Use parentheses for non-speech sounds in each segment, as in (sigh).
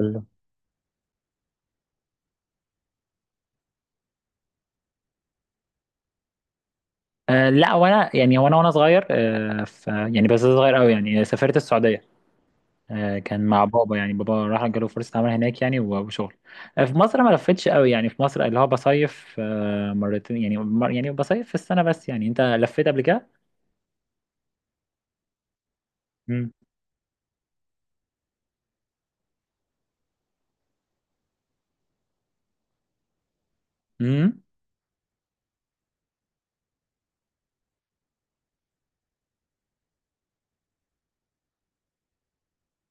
أيوة. آه لا، وانا يعني وانا صغير، آه ف يعني بس صغير قوي، يعني سافرت السعوديه. آه، كان مع بابا، يعني بابا راح جاله فرصه عمل هناك يعني وشغل. آه، في مصر ما لفتش قوي، يعني في مصر اللي هو بصيف آه مرتين، يعني مر يعني بصيف في السنه بس. يعني انت لفيت قبل كده؟ مم. امم.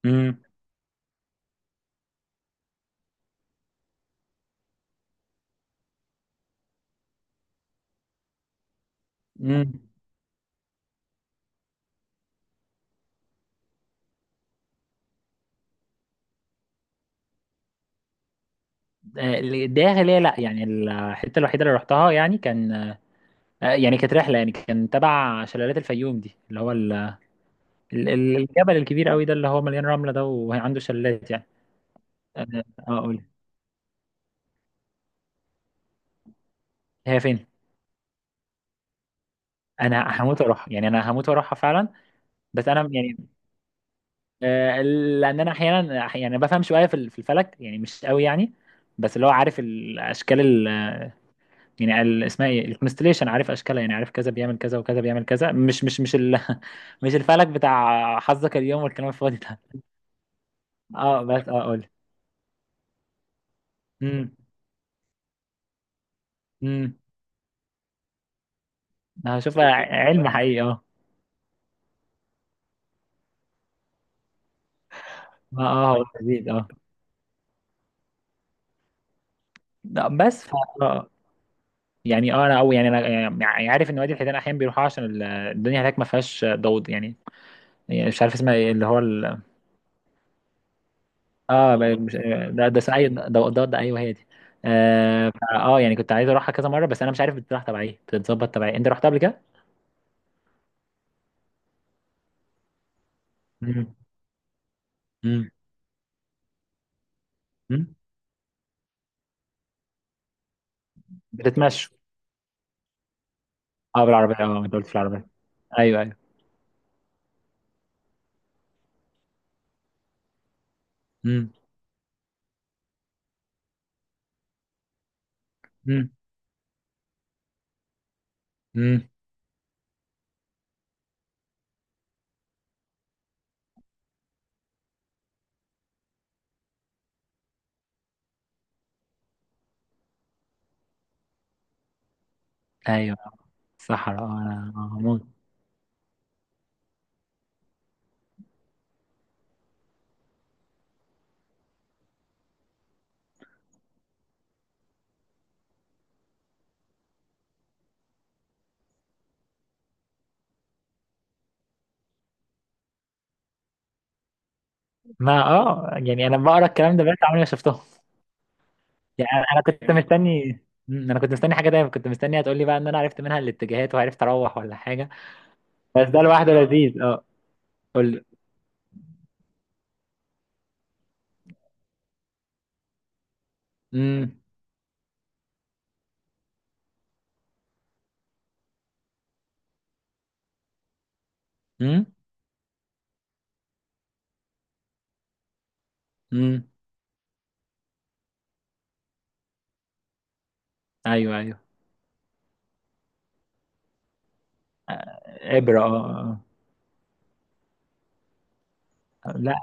امم. امم. داخلية، لا، يعني الحتة الوحيدة اللي رحتها يعني كان آه، يعني كانت رحلة، يعني كان تبع شلالات الفيوم دي، اللي هو الجبل الكبير قوي ده، اللي هو مليان رملة ده وعنده شلالات يعني. آه، اقول، هي فين؟ انا هموت واروحها، يعني انا هموت واروحها فعلا. بس انا يعني آه، لان انا احيانا يعني بفهم شويه في في الفلك، يعني مش قوي يعني. بس اللي هو عارف الاشكال يعني اسمها ايه؟ الكونستليشن، عارف اشكالها، يعني عارف كذا بيعمل كذا وكذا بيعمل كذا. مش ال (laughs) مش الفلك بتاع حظك اليوم والكلام الفاضي ده. اه بس اه قول. امم. امم. هشوفها علم حقيقي اه. اه آه، هو لذيذ اه. لا، بس آه. يعني اه انا او يعني انا يعني يعني عارف ان وادي الحيتان احيانا بيروحوا عشان الدنيا هناك ما فيهاش ضوض يعني. يعني مش عارف اسمها ايه؟ اللي هو ال... اه ب- مش... ده اي ضوضاء، ايوه هي دي. اه فا آه، يعني كنت عايز اروحها كذا مره، بس انا مش عارف بتروح تبع ايه؟ بتتظبط تبع ايه؟ انت رحتها قبل كده؟ مم. مم. مم. بتتمشوا؟ اه بالعربيه، اه انت قلت في العربيه. ايوه ايوه. مم. مم. مم. ايوه، صحراء اه، انا آه، هموت. ما اه، يعني انا بقرا الكلام ده، بقيت عمري ما شفتهم. يعني انا كنت مستني. مم، انا كنت مستني حاجه، دايما كنت مستني هتقول لي بقى ان انا عرفت منها الاتجاهات وعرفت اروح، ولا حاجه. بس ده لوحده لذيذ اه. قول لي. امم. امم. امم. ايوه ايوه. ابره اه آه، آه. لا،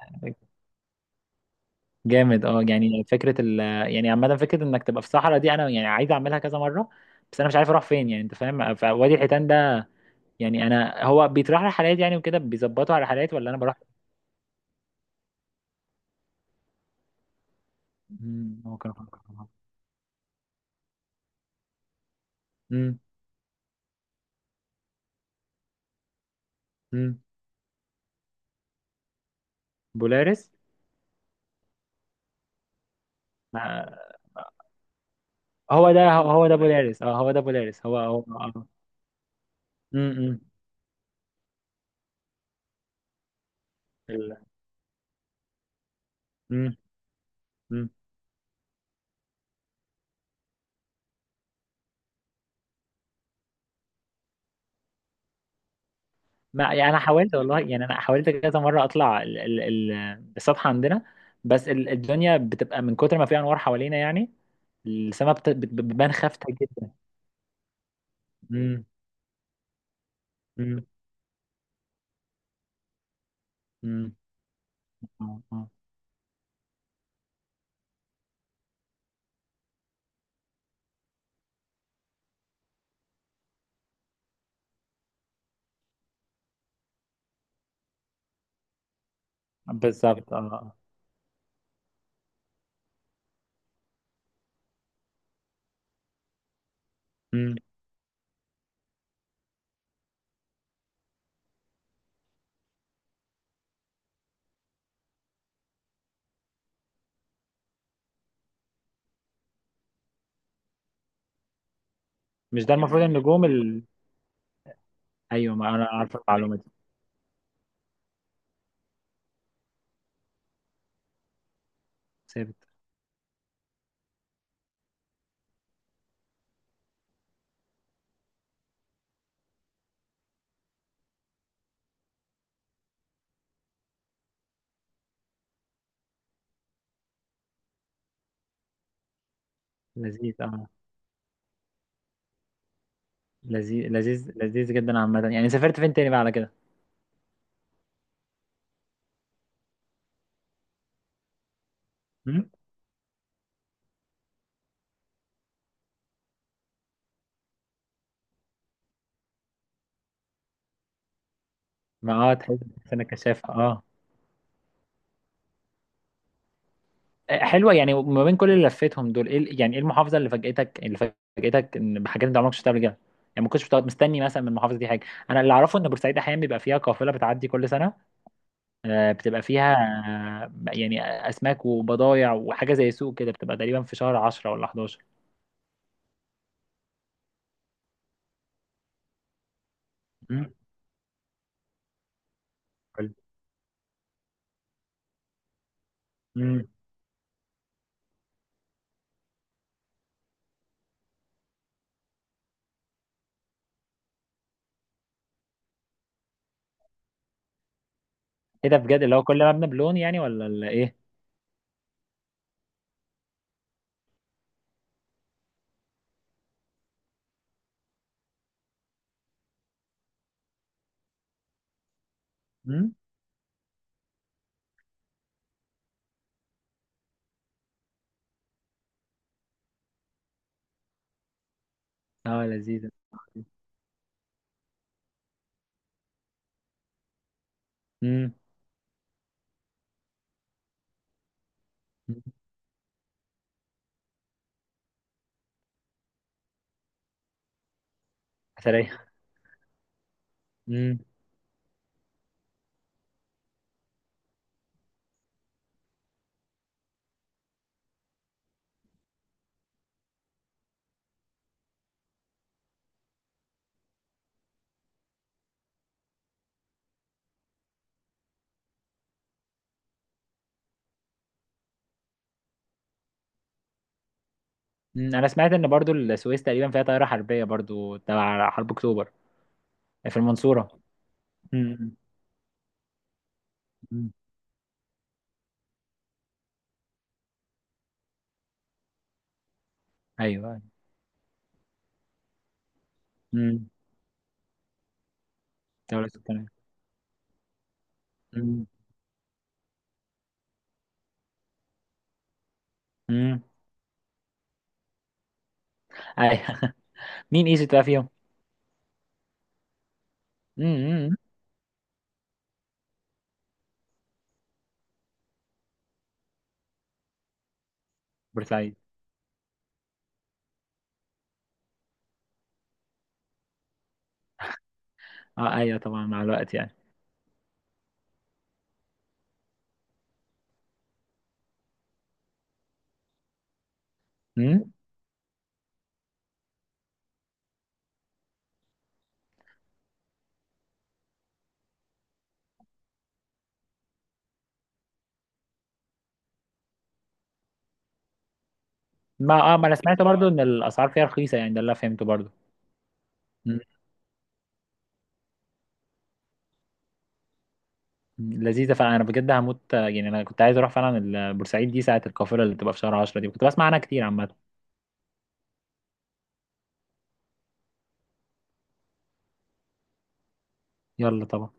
جامد اه، يعني فكره يعني عامه فكره انك تبقى في صحراء دي، انا يعني عايز اعملها كذا مره، بس انا مش عارف اروح فين، يعني انت فاهم؟ فوادي الحيتان ده، يعني انا هو بيتراح رحلات يعني وكده؟ بيظبطوا على رحلات، ولا انا بروح؟ امم، هو كان. امم. امم. بولاريس. هو ده، هو ده بولاريس، اه هو ده بولاريس، هو هو اه. امم. ال-. امم. امم. ما يعني انا حاولت والله، يعني انا حاولت كذا مره اطلع ال السطح عندنا، بس الدنيا بتبقى من كتر ما في انوار حوالينا، يعني السماء بتبان خافته جدا. امم. امم. امم. آه، آه. بالظبط اه آه. امم. مش ده المفروض النجوم ال...؟ ايوه، ما انا عارف المعلومه دي. ثابت. لذيذ اه. لذيذ لذيذ لذيذ جدا. عامه يعني سافرت فين تاني بقى على كده؟ ما اه، تحس انها كثافه اه. آه، حلوه، يعني ما بين كل اللي لفيتهم دول، ايه يعني ايه المحافظه اللي فاجئتك، اللي فاجئتك ان بحاجات انت عمرك شفتها قبل كده؟ يعني ما كنتش بتقعد مستني مثلا من المحافظه دي حاجه. انا اللي اعرفه ان بورسعيد احيانا بيبقى فيها قافله بتعدي كل سنه، آه، بتبقى فيها آه، يعني اسماك وبضايع وحاجه زي سوق كده، بتبقى تقريبا في شهر 10 ولا 11. امم. حلو. امم. ايه ده بجد؟ اللي هو كل مبنى بلون، يعني ولا ايه؟ امم. اه لذيذ. امم. اثريه. مم، انا سمعت ان برضو السويس تقريبا فيها طائرة حربية برضو تبع حرب اكتوبر، في المنصورة. مم، مم، ايوه. امم. دولة السلطنة. مم، مم، ايوه (laughs) مين ايجيبت بقى فيهم؟ مم، مم، بورسعيد. اه ايوه طبعا، مع الوقت يعني. مم. ما اه، ما انا سمعت برضو ان الاسعار فيها رخيصة، يعني ده اللي أنا فهمته برضو. مم، مم، لذيذة فعلا، انا بجد هموت آه، يعني انا كنت عايز اروح فعلا بورسعيد دي ساعة القافلة اللي بتبقى في شهر 10 دي، كنت بسمع عنها كتير عامة. يلا طبعا.